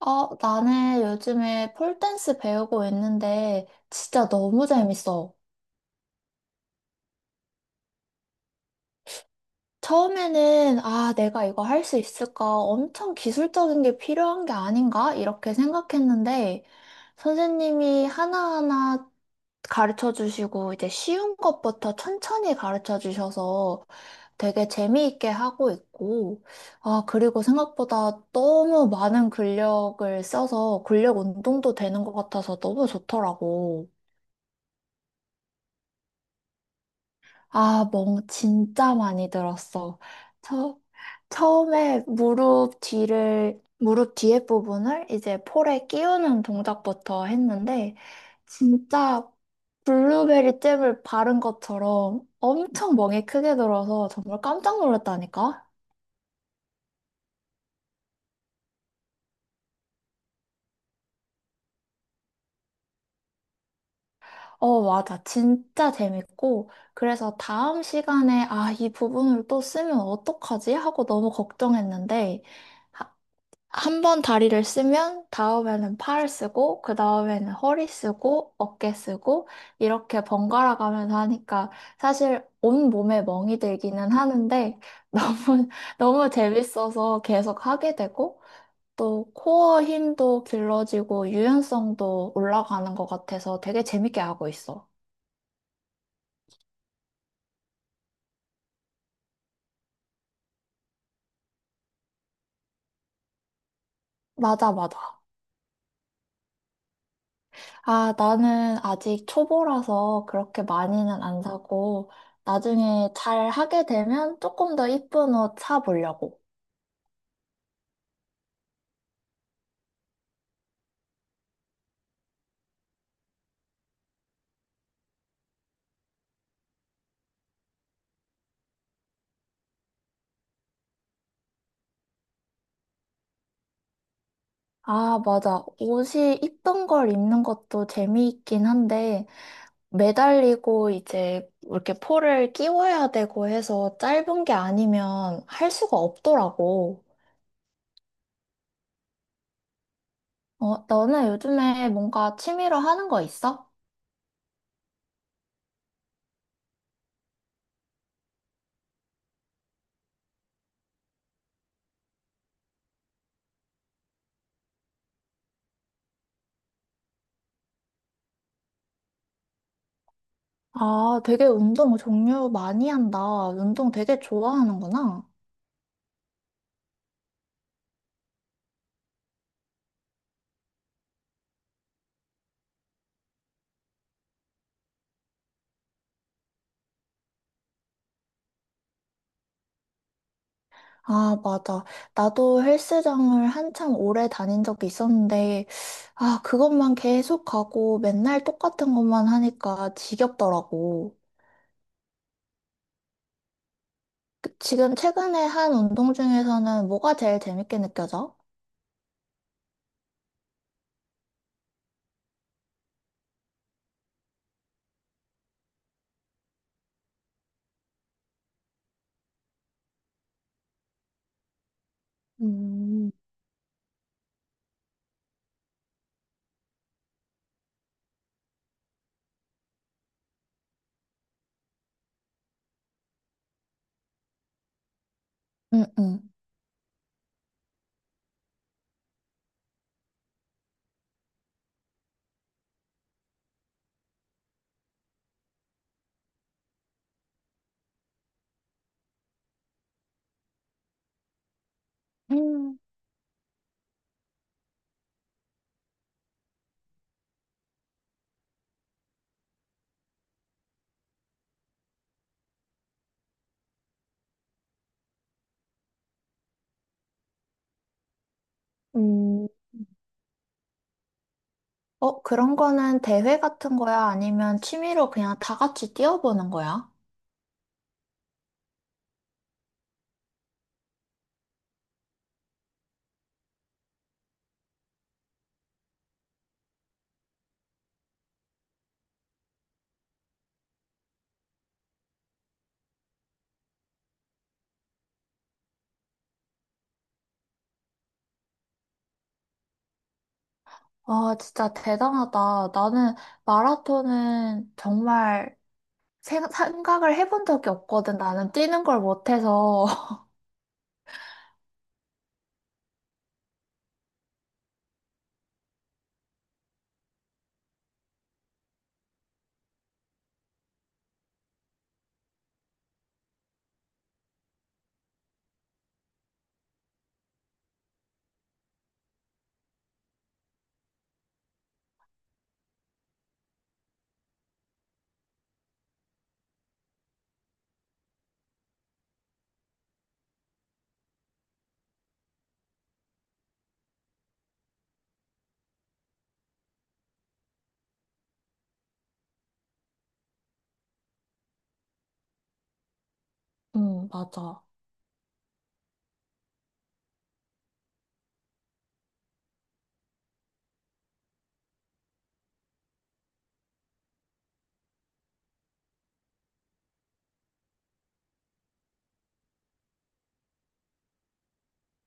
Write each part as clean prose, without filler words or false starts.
나는 요즘에 폴댄스 배우고 있는데 진짜 너무 재밌어. 처음에는 아, 내가 이거 할 수 있을까? 엄청 기술적인 게 필요한 게 아닌가? 이렇게 생각했는데 선생님이 하나하나 가르쳐 주시고 이제 쉬운 것부터 천천히 가르쳐 주셔서 되게 재미있게 하고 있고, 아, 그리고 생각보다 너무 많은 근력을 써서 근력 운동도 되는 것 같아서 너무 좋더라고. 아, 멍 진짜 많이 들었어. 처, 처음에 무릎 뒤에 부분을 이제 폴에 끼우는 동작부터 했는데, 진짜 블루베리 잼을 바른 것처럼 엄청 멍이 크게 들어서 정말 깜짝 놀랐다니까? 어, 맞아. 진짜 재밌고. 그래서 다음 시간에, 아, 이 부분을 또 쓰면 어떡하지? 하고 너무 걱정했는데, 한 번 다리를 쓰면 다음에는 팔 쓰고 그 다음에는 허리 쓰고 어깨 쓰고 이렇게 번갈아 가면서 하니까 사실 온 몸에 멍이 들기는 하는데 너무 너무 재밌어서 계속 하게 되고 또 코어 힘도 길러지고 유연성도 올라가는 것 같아서 되게 재밌게 하고 있어. 맞아, 맞아. 아, 나는 아직 초보라서 그렇게 많이는 안 사고, 나중에 잘 하게 되면 조금 더 이쁜 옷 사보려고. 아, 맞아. 옷이 이쁜 걸 입는 것도 재미있긴 한데, 매달리고 이제 이렇게 폴을 끼워야 되고 해서 짧은 게 아니면 할 수가 없더라고. 어, 너는 요즘에 뭔가 취미로 하는 거 있어? 아, 되게 운동 종류 많이 한다. 운동 되게 좋아하는구나. 아, 맞아. 나도 헬스장을 한참 오래 다닌 적이 있었는데, 아, 그것만 계속 가고 맨날 똑같은 것만 하니까 지겹더라고. 지금 최근에 한 운동 중에서는 뭐가 제일 재밌게 느껴져? 음, 응, 응. 음, 음, 어, 그런 거는 대회 같은 거야? 아니면 취미로 그냥 다 같이 뛰어보는 거야? 아, 진짜 대단하다. 나는 마라톤은 정말 생각을 해본 적이 없거든. 나는 뛰는 걸 못해서. 맞아.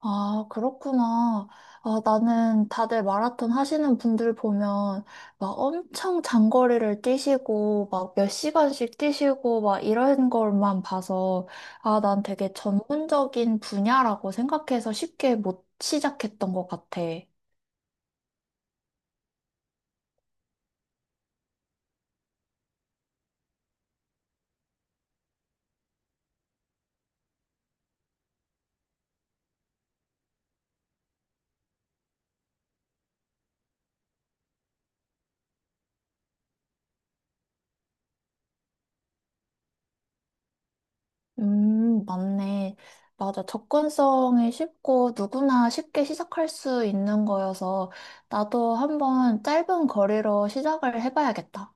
아, 그렇구나. 아, 나는 다들 마라톤 하시는 분들 보면 막 엄청 장거리를 뛰시고 막 몇 시간씩 뛰시고 막 이런 걸만 봐서 아, 난 되게 전문적인 분야라고 생각해서 쉽게 못 시작했던 것 같아. 맞네. 맞아. 접근성이 쉽고 누구나 쉽게 시작할 수 있는 거여서 나도 한번 짧은 거리로 시작을 해봐야겠다.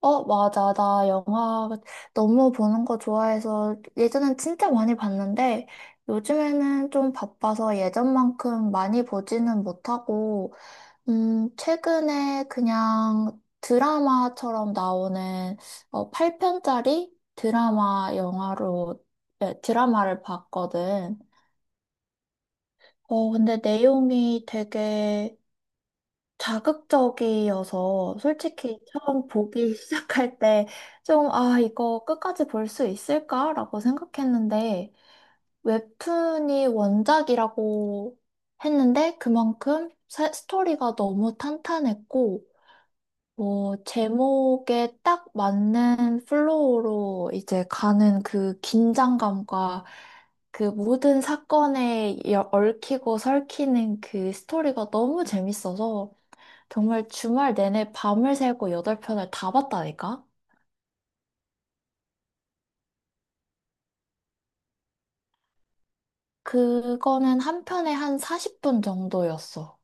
어, 맞아. 나 영화 너무 보는 거 좋아해서 예전엔 진짜 많이 봤는데 요즘에는 좀 바빠서 예전만큼 많이 보지는 못하고 최근에 그냥 드라마처럼 나오는 8편짜리 드라마 영화로, 네, 드라마를 봤거든. 근데 내용이 되게 자극적이어서 솔직히 처음 보기 시작할 때 좀, 이거 끝까지 볼 수 있을까라고 생각했는데 웹툰이 원작이라고 했는데 그만큼 스토리가 너무 탄탄했고 뭐, 제목에 딱 맞는 플로우로 이제 가는 그 긴장감과 그 모든 사건에 얽히고 설키는 그 스토리가 너무 재밌어서 정말 주말 내내 밤을 새고 8편을 다 봤다니까? 그거는 한 편에 한 40분 정도였어.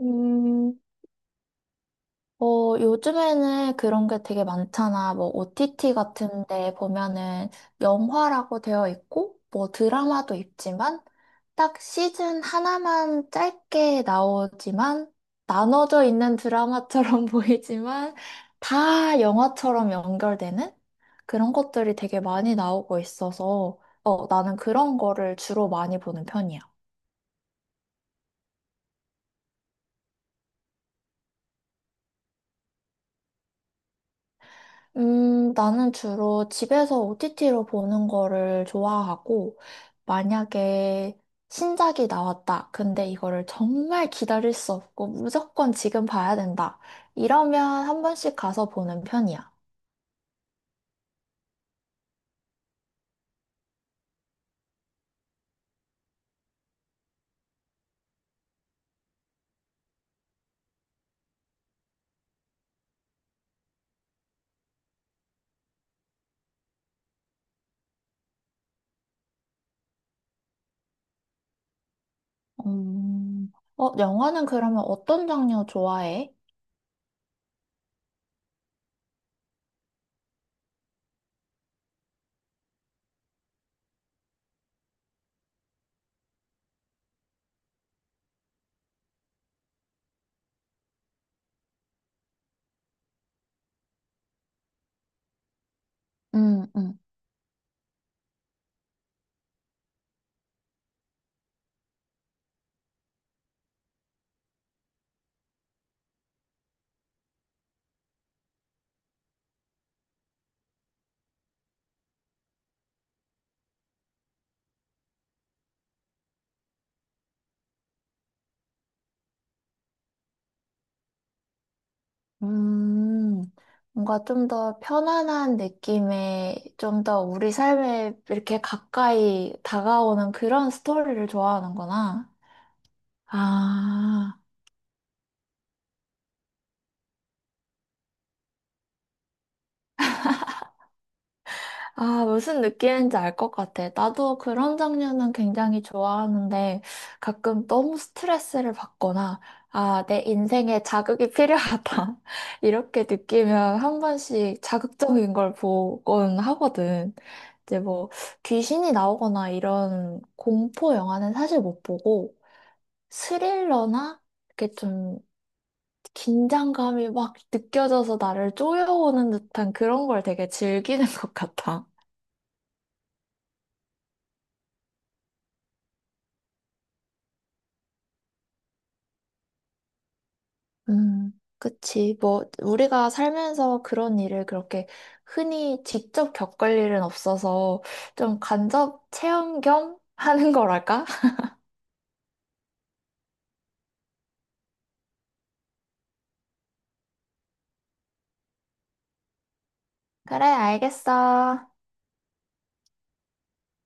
음, 요즘에는 그런 게 되게 많잖아. 뭐, OTT 같은 데 보면은 영화라고 되어 있고, 뭐, 드라마도 있지만, 딱 시즌 하나만 짧게 나오지만, 나눠져 있는 드라마처럼 보이지만, 다 영화처럼 연결되는 그런 것들이 되게 많이 나오고 있어서, 나는 그런 거를 주로 많이 보는 편이야. 나는 주로 집에서 OTT로 보는 거를 좋아하고, 만약에 신작이 나왔다. 근데 이거를 정말 기다릴 수 없고, 무조건 지금 봐야 된다. 이러면 한 번씩 가서 보는 편이야. 음, 영화는 그러면 어떤 장르 좋아해? 음, 음. 음, 뭔가 좀 더 편안한 느낌의, 좀 더 우리 삶에 이렇게 가까이 다가오는 그런 스토리를 좋아하는구나. 아, 아, 무슨 느낌인지 알 것 같아. 나도 그런 장르는 굉장히 좋아하는데 가끔 너무 스트레스를 받거나 아, 내 인생에 자극이 필요하다. 이렇게 느끼면 한 번씩 자극적인 걸 보곤 하거든. 이제 뭐 귀신이 나오거나 이런 공포 영화는 사실 못 보고 스릴러나 이렇게 좀 긴장감이 막 느껴져서 나를 쪼여오는 듯한 그런 걸 되게 즐기는 것 같아. 음, 그치. 뭐, 우리가 살면서 그런 일을 그렇게 흔히 직접 겪을 일은 없어서 좀 간접 체험 겸 하는 거랄까? 그래, 알겠어.